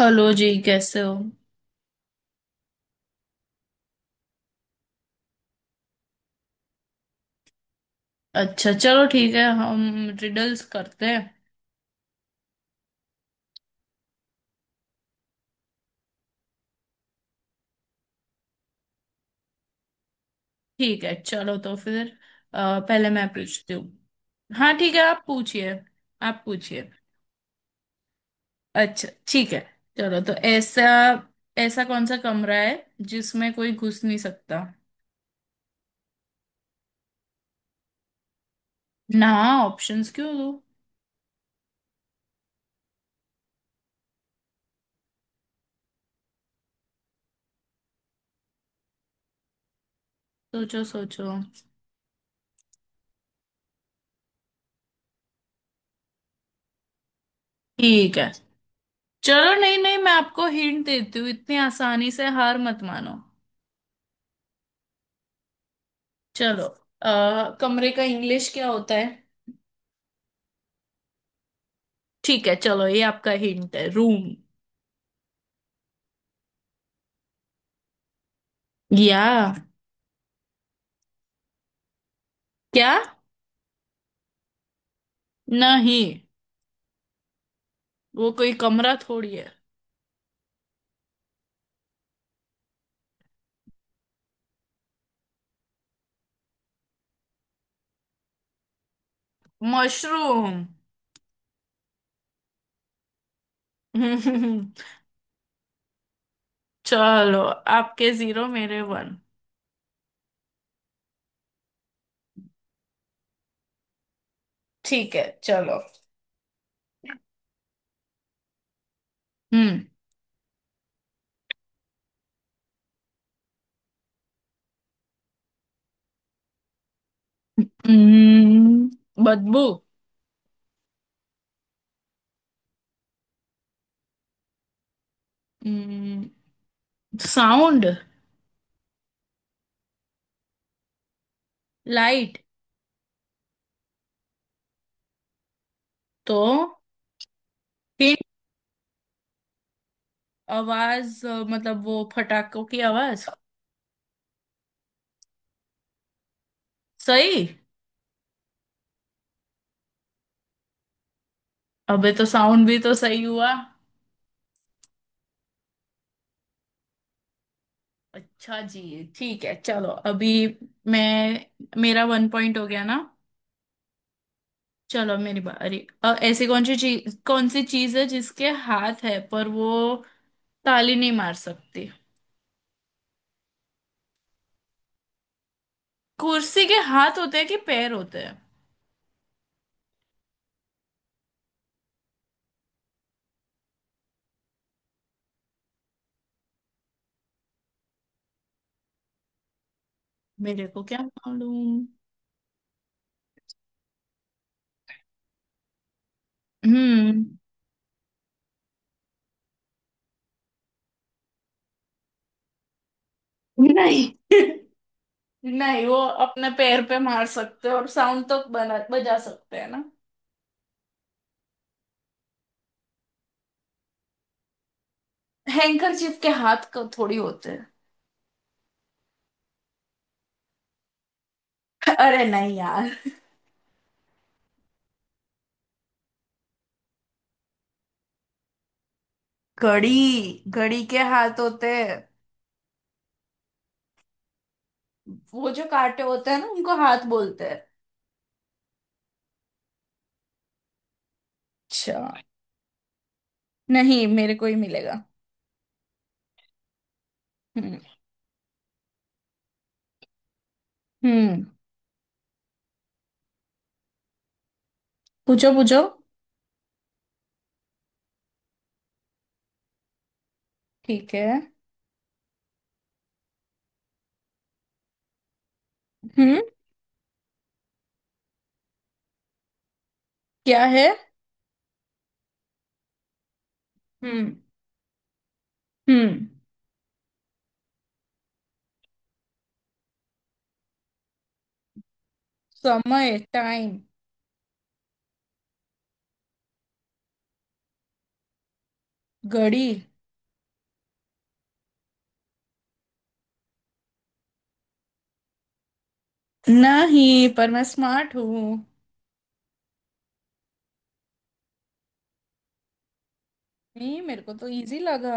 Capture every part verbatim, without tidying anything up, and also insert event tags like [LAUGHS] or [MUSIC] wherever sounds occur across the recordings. Hello जी, कैसे हो? अच्छा, चलो ठीक है, हम रिडल्स करते हैं। ठीक है, चलो तो फिर अ, पहले मैं पूछती हूँ। हाँ, ठीक है, आप पूछिए। आप पूछिए। अच्छा, ठीक है, चलो तो ऐसा ऐसा कौन सा कमरा है जिसमें कोई घुस नहीं सकता? ना, ऑप्शंस क्यों दो? सोचो सोचो। ठीक है, चलो। नहीं नहीं, मैं आपको हिंट देती हूँ, इतनी आसानी से हार मत मानो। चलो, अ, कमरे का इंग्लिश क्या होता है? ठीक है, चलो, ये आपका हिंट है, रूम। या क्या? नहीं, वो कोई कमरा थोड़ी है। मशरूम। [LAUGHS] चलो, आपके जीरो मेरे वन। ठीक है, चलो। हम्म। हम्म, बदबू। हम्म, साउंड। लाइट। तो हिंट, आवाज, अ, मतलब वो फटाकों की आवाज। सही। अबे तो साउंड भी तो सही हुआ। अच्छा जी, ठीक है, चलो अभी मैं, मेरा वन पॉइंट हो गया ना। चलो अब मेरी बारी। अ, ऐसी कौन सी चीज कौन सी चीज है जिसके हाथ है पर वो ताली नहीं मार सकती? कुर्सी के हाथ होते हैं कि पैर होते हैं? मेरे को क्या मालूम। हम्म। नहीं, नहीं, वो अपने पैर पे मार सकते हैं और साउंड तो बना बजा सकते हैं ना। हैंकरचीफ के हाथ को थोड़ी होते हैं। [LAUGHS] अरे नहीं यार। घड़ी, घड़ी के हाथ होते हैं, वो जो कांटे होते हैं ना उनको हाथ बोलते हैं। अच्छा। नहीं, मेरे को ही मिलेगा। हम्म। हम्म, पूछो पूछो। ठीक है। हम्म। क्या है? हम्म। हम्म। समय, टाइम। घड़ी। नहीं, पर मैं स्मार्ट हूँ। नहीं, मेरे को तो इजी लगा।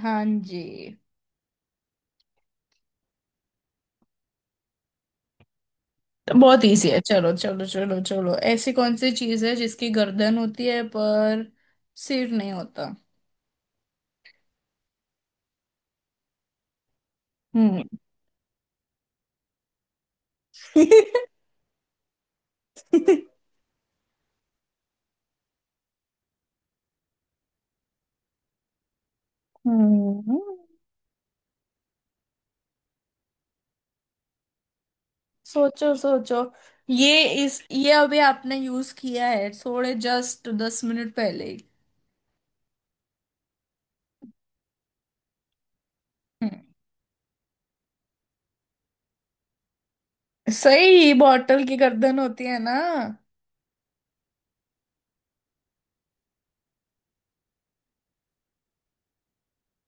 हाँ जी। तो बहुत इजी है, चलो चलो चलो चलो, ऐसी कौन सी चीज है जिसकी गर्दन होती है पर सिर नहीं होता? हम्म। [LAUGHS] हम्म। सोचो सोचो। ये इस ये अभी आपने यूज किया है थोड़े, जस्ट दस मिनट पहले ही। हम्म। सही, बॉटल की गर्दन होती है ना,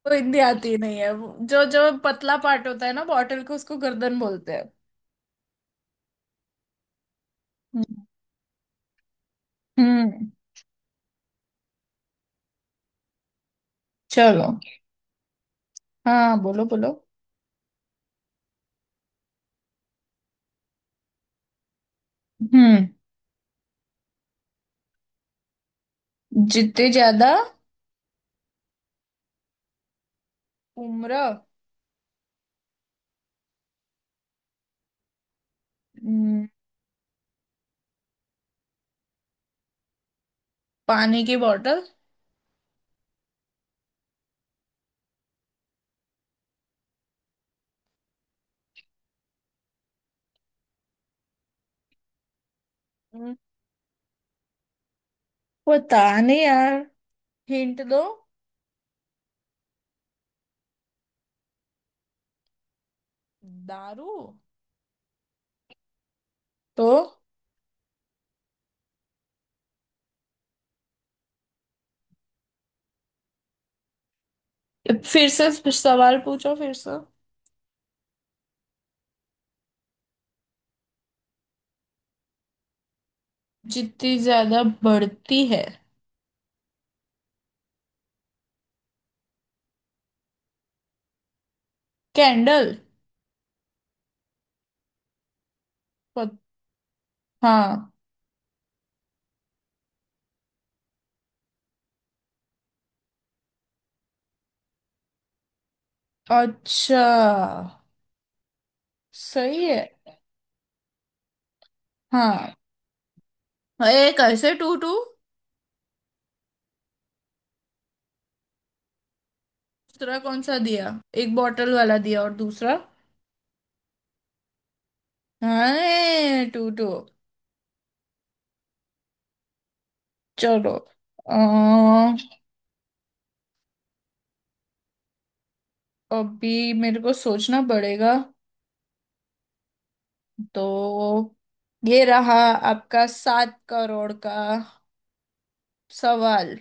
तो हिंदी आती नहीं है। वो- जो जो पतला पार्ट होता है ना बॉटल को, उसको गर्दन बोलते हैं। हम्म। हम्म। चलो। हाँ, बोलो बोलो। हम्म। जितने ज्यादा उम्र। हम्म, पानी की बॉटल। हम्म। पता नहीं यार, हिंट दो। दारू। तो फिर से सवाल पूछो, फिर से जितनी ज्यादा बढ़ती है। कैंडल। पत- हाँ। अच्छा, सही है। हाँ, एक ऐसे टू टू। दूसरा कौन सा दिया? एक बॉटल वाला दिया और दूसरा। हाँ, टू टू। चलो। अ, अभी मेरे को सोचना पड़ेगा। तो ये रहा आपका सात करोड़ का सवाल।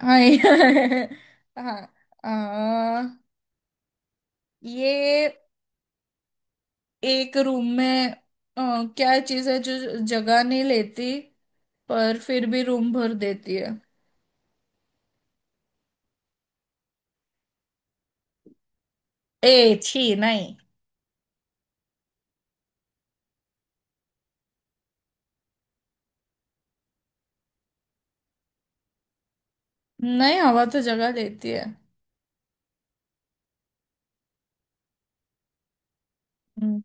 हाँ, ये- [LAUGHS] हाँ। अ, ये एक रूम में, अ, क्या चीज है जो जगह नहीं लेती पर फिर भी रूम भर देती है? ए छी नहीं। नहीं, हवा तो जगह लेती है। हम्म,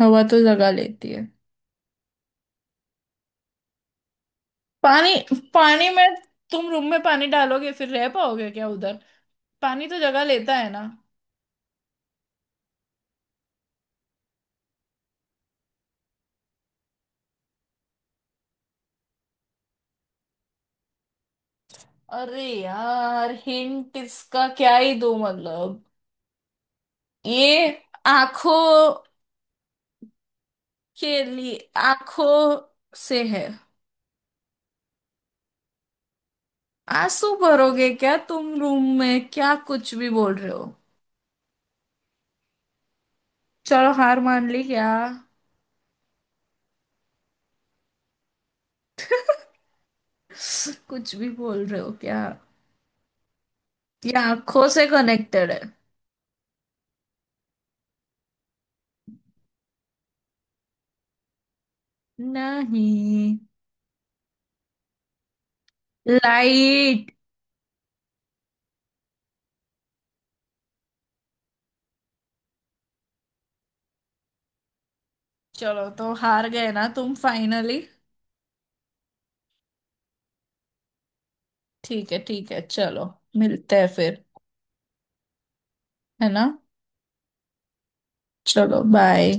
हवा तो जगह लेती है। पानी। पानी में, तुम रूम में पानी डालोगे फिर रह पाओगे क्या उधर? पानी तो जगह लेता है ना। अरे यार, हिंट इसका क्या ही दूं, मतलब ये आंखों के लिए, आंखों से है। आंसू भरोगे क्या तुम रूम में, क्या कुछ भी बोल रहे हो? चलो, हार मान ली क्या? [LAUGHS] कुछ भी बोल रहे हो क्या? ये आंखों से कनेक्टेड है। नहीं, लाइट। चलो, तो हार गए ना तुम फाइनली। ठीक है, ठीक है, चलो, मिलते हैं फिर, है ना। चलो, बाय।